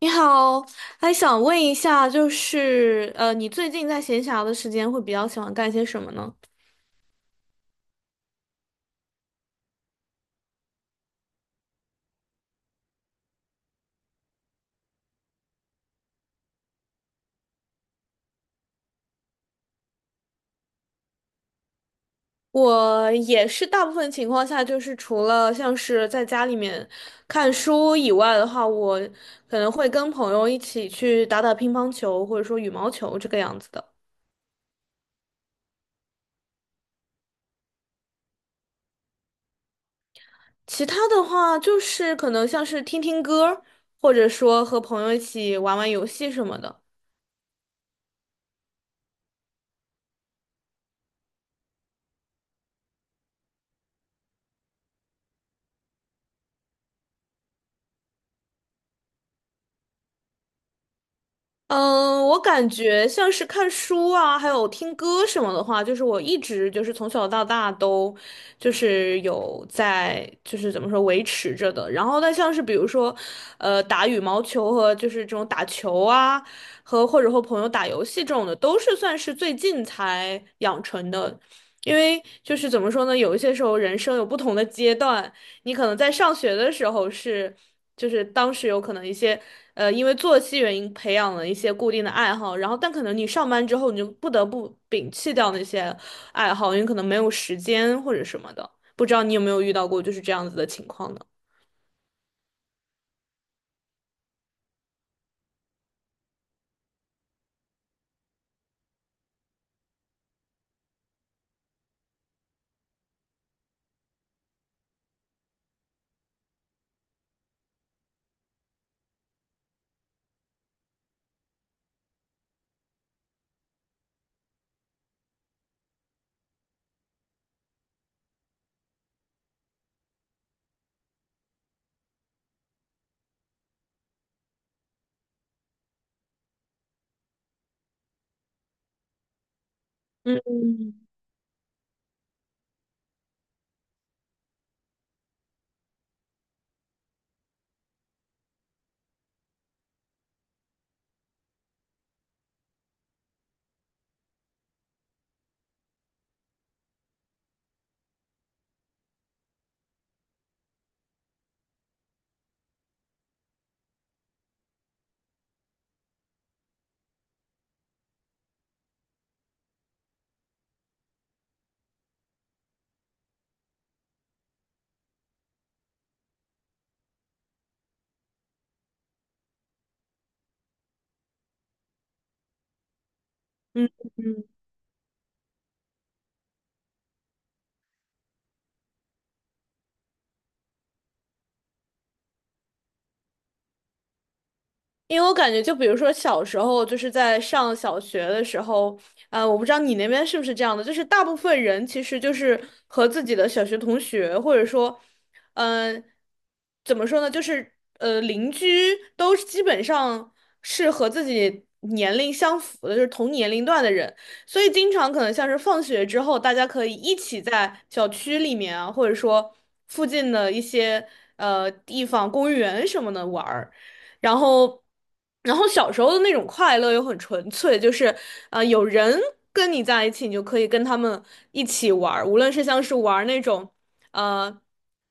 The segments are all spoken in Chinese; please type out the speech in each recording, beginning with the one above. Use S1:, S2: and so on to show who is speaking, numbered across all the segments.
S1: 你好，还想问一下，就是你最近在闲暇的时间会比较喜欢干些什么呢？我也是大部分情况下，就是除了像是在家里面看书以外的话，我可能会跟朋友一起去打打乒乓球或者说羽毛球这个样子的。其他的话，就是可能像是听听歌，或者说和朋友一起玩玩游戏什么的。嗯，我感觉像是看书啊，还有听歌什么的话，就是我一直就是从小到大都就是有在就是怎么说维持着的。然后但像是比如说，打羽毛球和就是这种打球啊，和或者和朋友打游戏这种的，都是算是最近才养成的。因为就是怎么说呢，有一些时候人生有不同的阶段，你可能在上学的时候是，就是当时有可能一些，因为作息原因培养了一些固定的爱好，然后但可能你上班之后你就不得不摒弃掉那些爱好，因为可能没有时间或者什么的。不知道你有没有遇到过就是这样子的情况呢？嗯嗯。嗯因为我感觉，就比如说小时候，就是在上小学的时候，我不知道你那边是不是这样的，就是大部分人其实就是和自己的小学同学，或者说，嗯、怎么说呢，就是邻居都基本上是和自己年龄相符的，就是同年龄段的人，所以经常可能像是放学之后，大家可以一起在小区里面啊，或者说附近的一些地方、公园什么的玩儿。然后，然后小时候的那种快乐又很纯粹，就是有人跟你在一起，你就可以跟他们一起玩儿，无论是像是玩儿那种呃，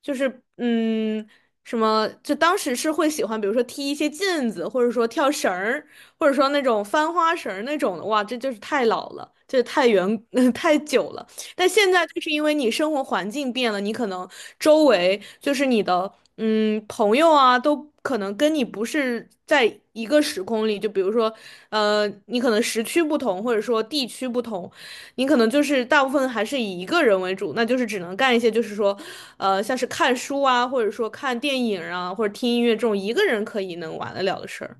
S1: 就是嗯。什么？就当时是会喜欢，比如说踢一些毽子，或者说跳绳儿，或者说那种翻花绳儿那种的，哇，这就是太老了，这太远，太久了。但现在就是因为你生活环境变了，你可能周围就是你的朋友啊，都可能跟你不是在一个时空里。就比如说，你可能时区不同，或者说地区不同，你可能就是大部分还是以一个人为主，那就是只能干一些就是说，像是看书啊，或者说看电影啊，或者听音乐这种一个人可以能玩得了的事儿。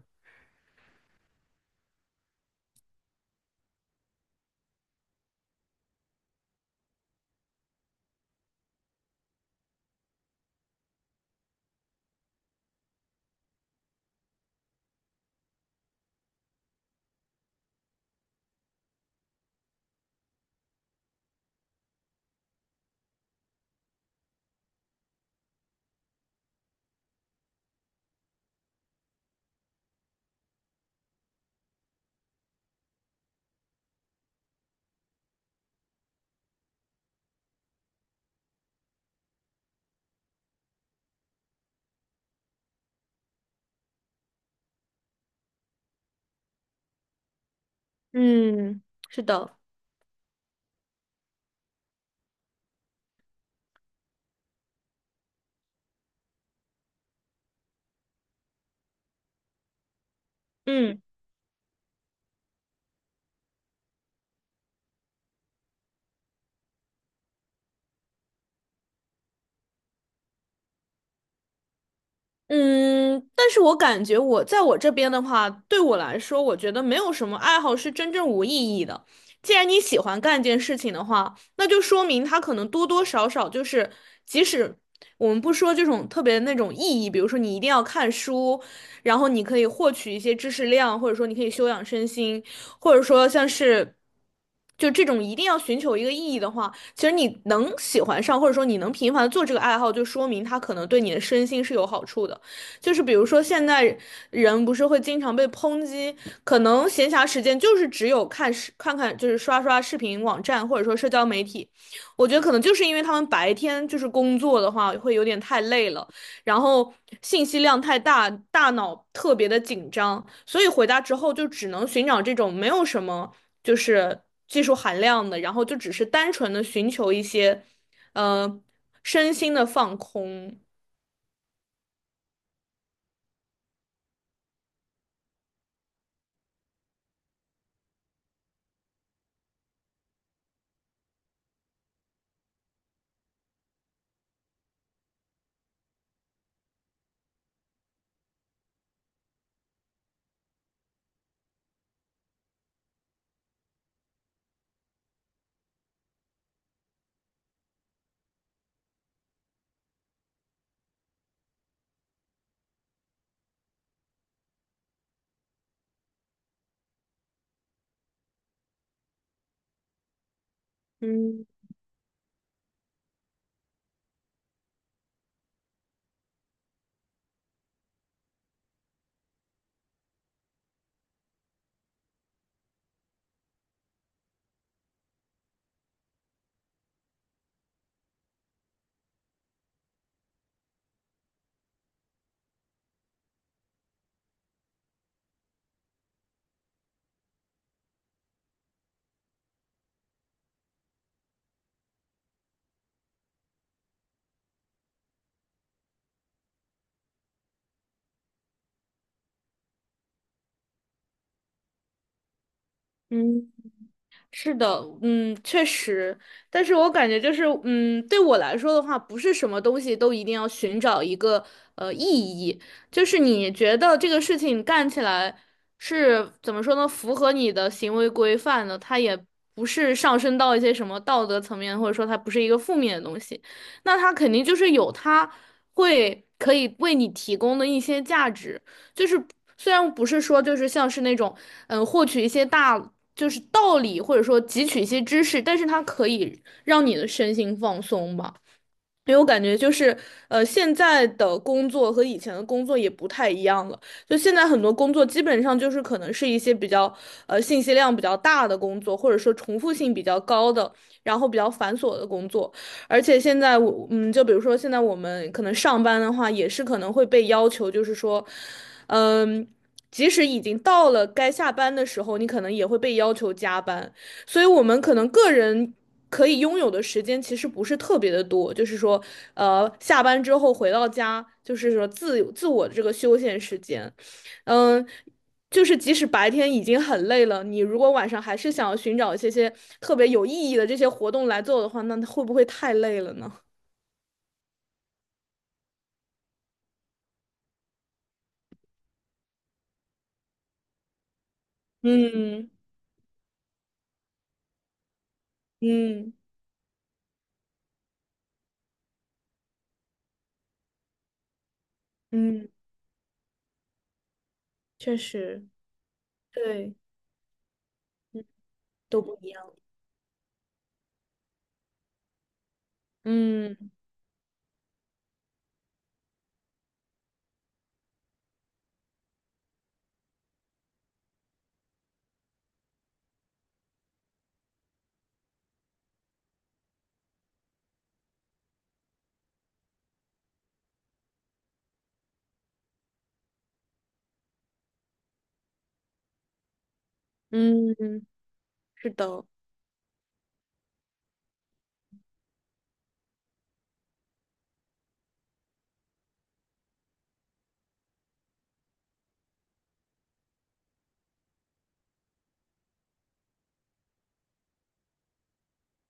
S1: 嗯，是的。嗯。嗯，但是我感觉我在我这边的话，对我来说，我觉得没有什么爱好是真正无意义的。既然你喜欢干一件事情的话，那就说明它可能多多少少就是，即使我们不说这种特别那种意义，比如说你一定要看书，然后你可以获取一些知识量，或者说你可以修养身心，或者说像是。就这种一定要寻求一个意义的话，其实你能喜欢上，或者说你能频繁地做这个爱好，就说明它可能对你的身心是有好处的。就是比如说，现在人不是会经常被抨击，可能闲暇时间就是只有看视看看，就是刷刷视频网站或者说社交媒体。我觉得可能就是因为他们白天就是工作的话会有点太累了，然后信息量太大，大脑特别的紧张，所以回家之后就只能寻找这种没有什么就是技术含量的，然后就只是单纯的寻求一些，呃，身心的放空。嗯嗯，是的，嗯，确实，但是我感觉就是，嗯，对我来说的话，不是什么东西都一定要寻找一个意义，就是你觉得这个事情干起来是怎么说呢，符合你的行为规范的，它也不是上升到一些什么道德层面，或者说它不是一个负面的东西，那它肯定就是有它会可以为你提供的一些价值，就是虽然不是说就是像是那种。嗯，获取一些大就是道理，或者说汲取一些知识，但是它可以让你的身心放松吧。因为我感觉就是，现在的工作和以前的工作也不太一样了。就现在很多工作基本上就是可能是一些比较，信息量比较大的工作，或者说重复性比较高的，然后比较繁琐的工作。而且现在我，嗯，就比如说现在我们可能上班的话，也是可能会被要求，就是说，嗯，即使已经到了该下班的时候，你可能也会被要求加班。所以我们可能个人可以拥有的时间其实不是特别的多，就是说，下班之后回到家，就是说自自我的这个休闲时间，嗯。就是即使白天已经很累了，你如果晚上还是想要寻找一些些特别有意义的这些活动来做的话，那会不会太累了呢？嗯嗯嗯，确实，对，嗯，都不一样。嗯嗯，是的，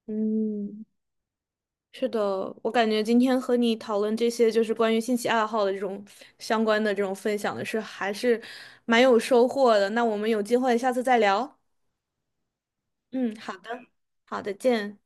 S1: 嗯。是的，我感觉今天和你讨论这些就是关于兴趣爱好的这种相关的这种分享的是还是蛮有收获的。那我们有机会下次再聊。嗯，好的，好的，见。